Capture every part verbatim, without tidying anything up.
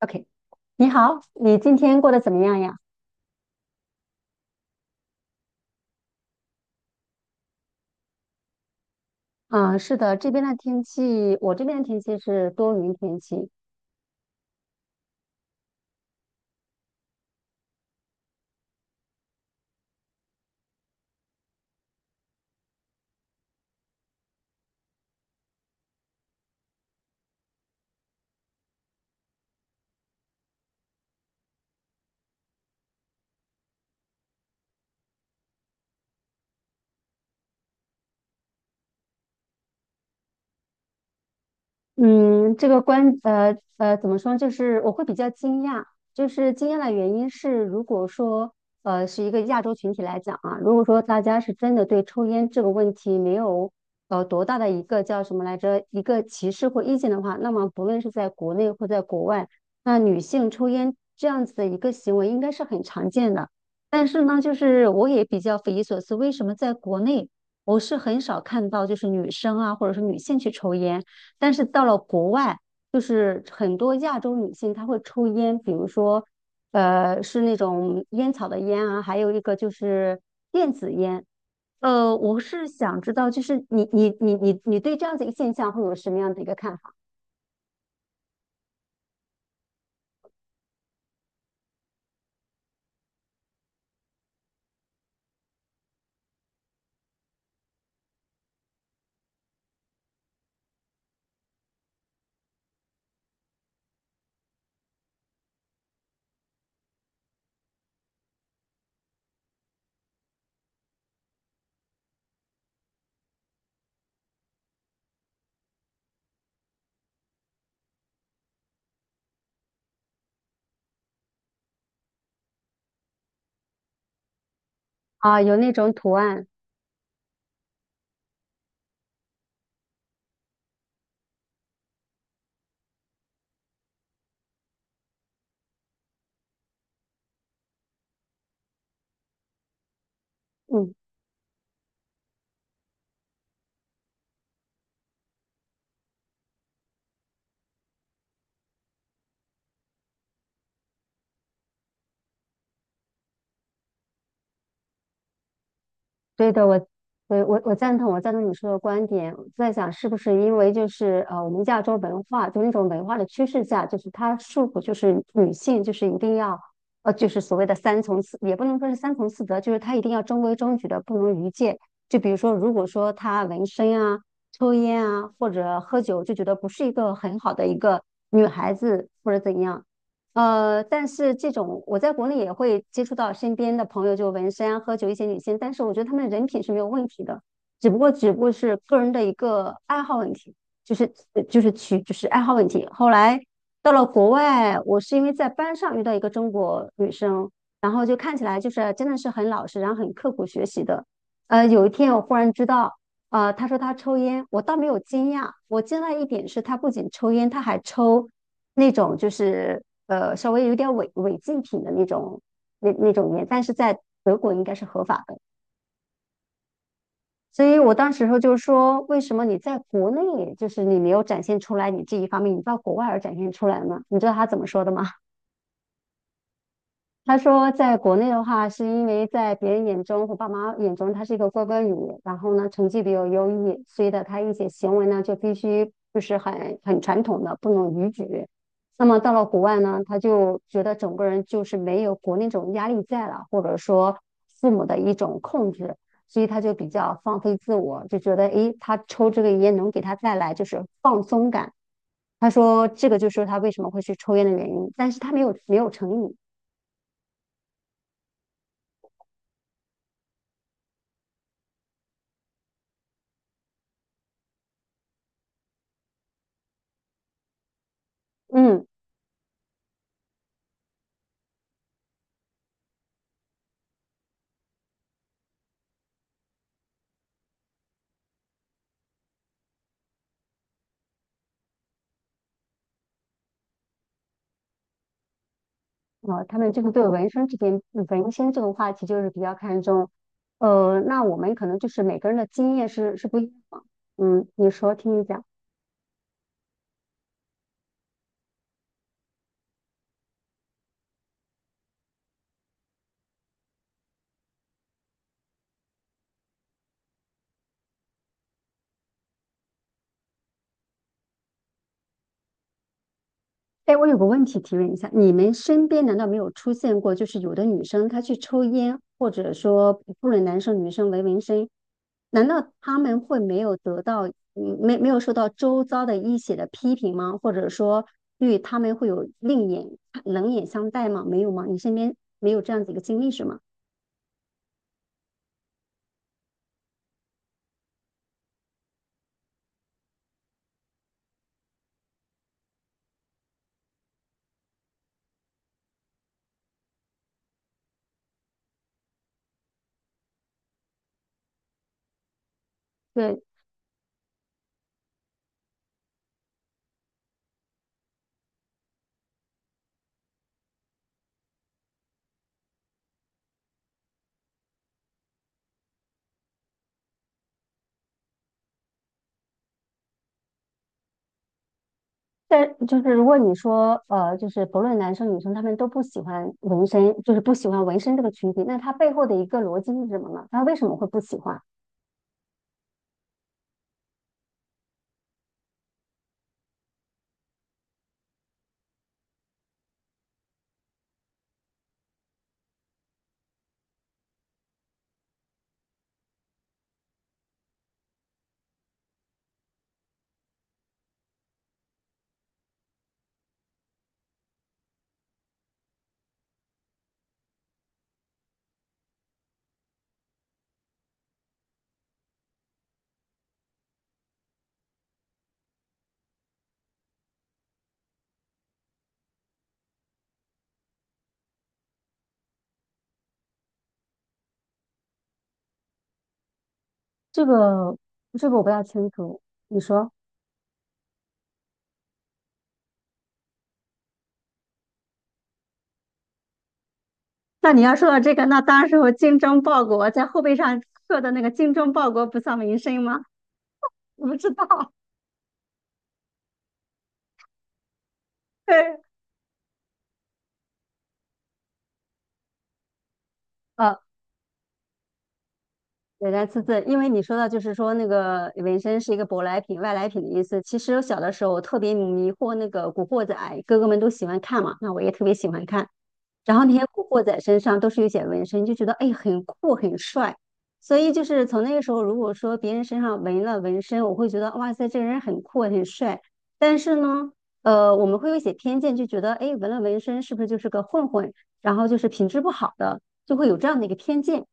OK，你好，你今天过得怎么样呀？嗯，是的，这边的天气，我这边的天气是多云天气。嗯，这个观呃呃怎么说呢，就是我会比较惊讶。就是惊讶的原因是，如果说呃是一个亚洲群体来讲啊，如果说大家是真的对抽烟这个问题没有呃多大的一个叫什么来着，一个歧视或意见的话，那么不论是在国内或在国外，那女性抽烟这样子的一个行为应该是很常见的。但是呢，就是我也比较匪夷所思，为什么在国内我是很少看到就是女生啊，或者是女性去抽烟？但是到了国外，就是很多亚洲女性她会抽烟。比如说，呃，是那种烟草的烟啊，还有一个就是电子烟。呃，我是想知道，就是你你你你你对这样子一个现象会有什么样的一个看法。啊？有那种图案。嗯。对的，我我我我赞同，我赞同你说的观点。我在想，是不是因为就是呃，我们亚洲文化就那种文化的趋势下，就是它束缚，就是女性就是一定要呃，就是所谓的三从四，也不能说是三从四德，就是她一定要中规中矩的，不能逾界。就比如说，如果说她纹身啊、抽烟啊或者喝酒，就觉得不是一个很好的一个女孩子或者怎样。呃，但是这种我在国内也会接触到身边的朋友，就纹身啊、喝酒一些女性，但是我觉得她们人品是没有问题的。只不过只不过是个人的一个爱好问题，就是呃就是取就是爱好问题。后来到了国外，我是因为在班上遇到一个中国女生，然后就看起来就是真的是很老实，然后很刻苦学习的。呃，有一天我忽然知道。呃，他说他抽烟，我倒没有惊讶。我惊讶一点是他不仅抽烟，他还抽那种就是呃稍微有点违违禁品的那种那那种烟，但是在德国应该是合法的。所以我当时候就说，为什么你在国内就是你没有展现出来你这一方面，你到国外而展现出来呢？你知道他怎么说的吗？他说，在国内的话，是因为在别人眼中或爸妈眼中，他是一个乖乖女，然后呢，成绩比较优异，所以的他一些行为呢，就必须就是很很传统的，不能逾矩。那么到了国外呢，他就觉得整个人就是没有国内这种压力在了，或者说父母的一种控制，所以他就比较放飞自我，就觉得诶，他抽这个烟能给他带来就是放松感。他说这个就是他为什么会去抽烟的原因，但是他没有没有成瘾。嗯。啊，他们这个对纹身这件纹身这个话题就是比较看重。呃，那我们可能就是每个人的经验是是不一样的。嗯，你说，听你讲。哎，我有个问题提问一下，你们身边难道没有出现过，就是有的女生她去抽烟，或者说不论男生女生纹纹身，难道他们会没有得到，嗯没没有受到周遭的一些的批评吗？或者说对他们会有另眼冷眼相待吗？没有吗？你身边没有这样子一个经历是吗？对。但就是如果你说，呃，就是不论男生女生，他们都不喜欢纹身，就是不喜欢纹身这个群体，那他背后的一个逻辑是什么呢？他为什么会不喜欢？这个这个我不大清楚，你说？那你要说到这个，那当时我精忠报国，在后背上刻的那个"精忠报国，不丧民生"吗？我不知道。对。呃。对，来自自，因为你说到就是说那个纹身是一个舶来品、外来品的意思。其实我小的时候我特别迷惑那个《古惑仔》，哥哥们都喜欢看嘛，那我也特别喜欢看。然后那些古惑仔身上都是有写纹身，就觉得哎很酷很帅。所以就是从那个时候，如果说别人身上纹了纹身，我会觉得哇塞，这个人很酷很帅。但是呢，呃，我们会有一些偏见，就觉得哎纹了纹身是不是就是个混混，然后就是品质不好的，就会有这样的一个偏见。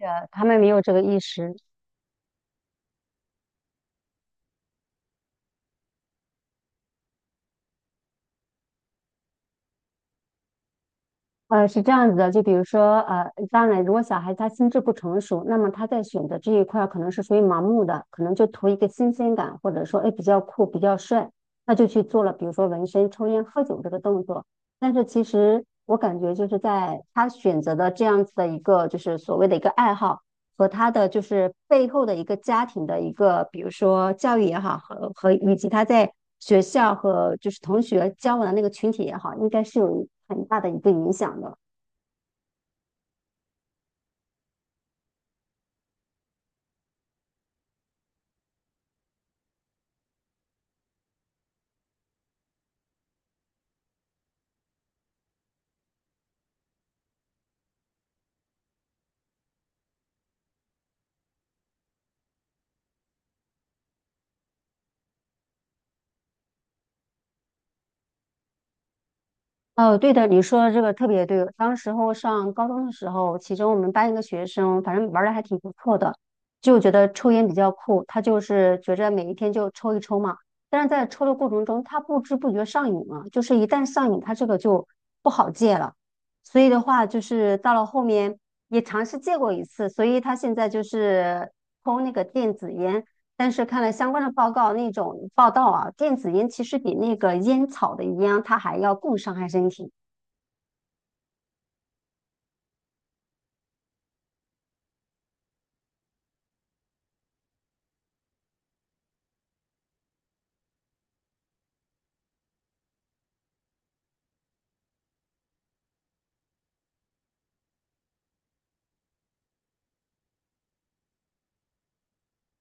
呃他们没有这个意识。呃，是这样子的，就比如说，呃，当然，如果小孩他心智不成熟，那么他在选择这一块儿可能是属于盲目的，可能就图一个新鲜感，或者说，哎，比较酷，比较帅，那就去做了，比如说纹身、抽烟、喝酒这个动作。但是其实我感觉就是在他选择的这样子的一个，就是所谓的一个爱好。和他的就是背后的一个家庭的一个，比如说教育也好，和和以及他在学校和就是同学交往的那个群体也好，应该是有很大的一个影响的。哦，对的，你说的这个特别对。当时候上高中的时候，其中我们班一个学生，反正玩的还挺不错的，就觉得抽烟比较酷，他就是觉着每一天就抽一抽嘛。但是在抽的过程中，他不知不觉上瘾了，就是一旦上瘾，他这个就不好戒了。所以的话，就是到了后面也尝试戒过一次，所以他现在就是抽那个电子烟，但是看了相关的报告，那种报道啊，电子烟其实比那个烟草的烟它还要更伤害身体。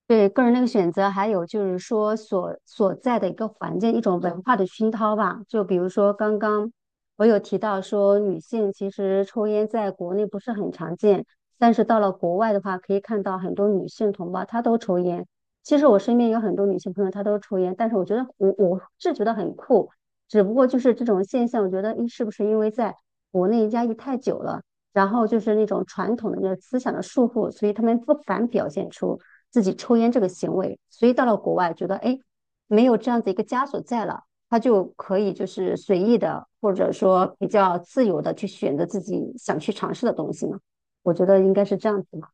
对个人那个选择，还有就是说所所在的一个环境，一种文化的熏陶吧。就比如说刚刚我有提到说，女性其实抽烟在国内不是很常见，但是到了国外的话，可以看到很多女性同胞她都抽烟。其实我身边有很多女性朋友她都抽烟，但是我觉得我我是觉得很酷，只不过就是这种现象，我觉得诶是不是因为在国内压抑太久了，然后就是那种传统的那个思想的束缚，所以他们不敢表现出自己抽烟这个行为，所以到了国外觉得哎，没有这样子一个枷锁在了，他就可以就是随意的或者说比较自由的去选择自己想去尝试的东西嘛。我觉得应该是这样子嘛。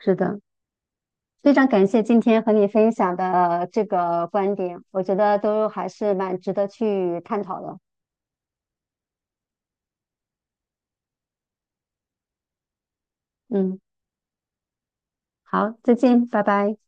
是的，非常感谢今天和你分享的这个观点，我觉得都还是蛮值得去探讨的。嗯，好，再见，拜拜。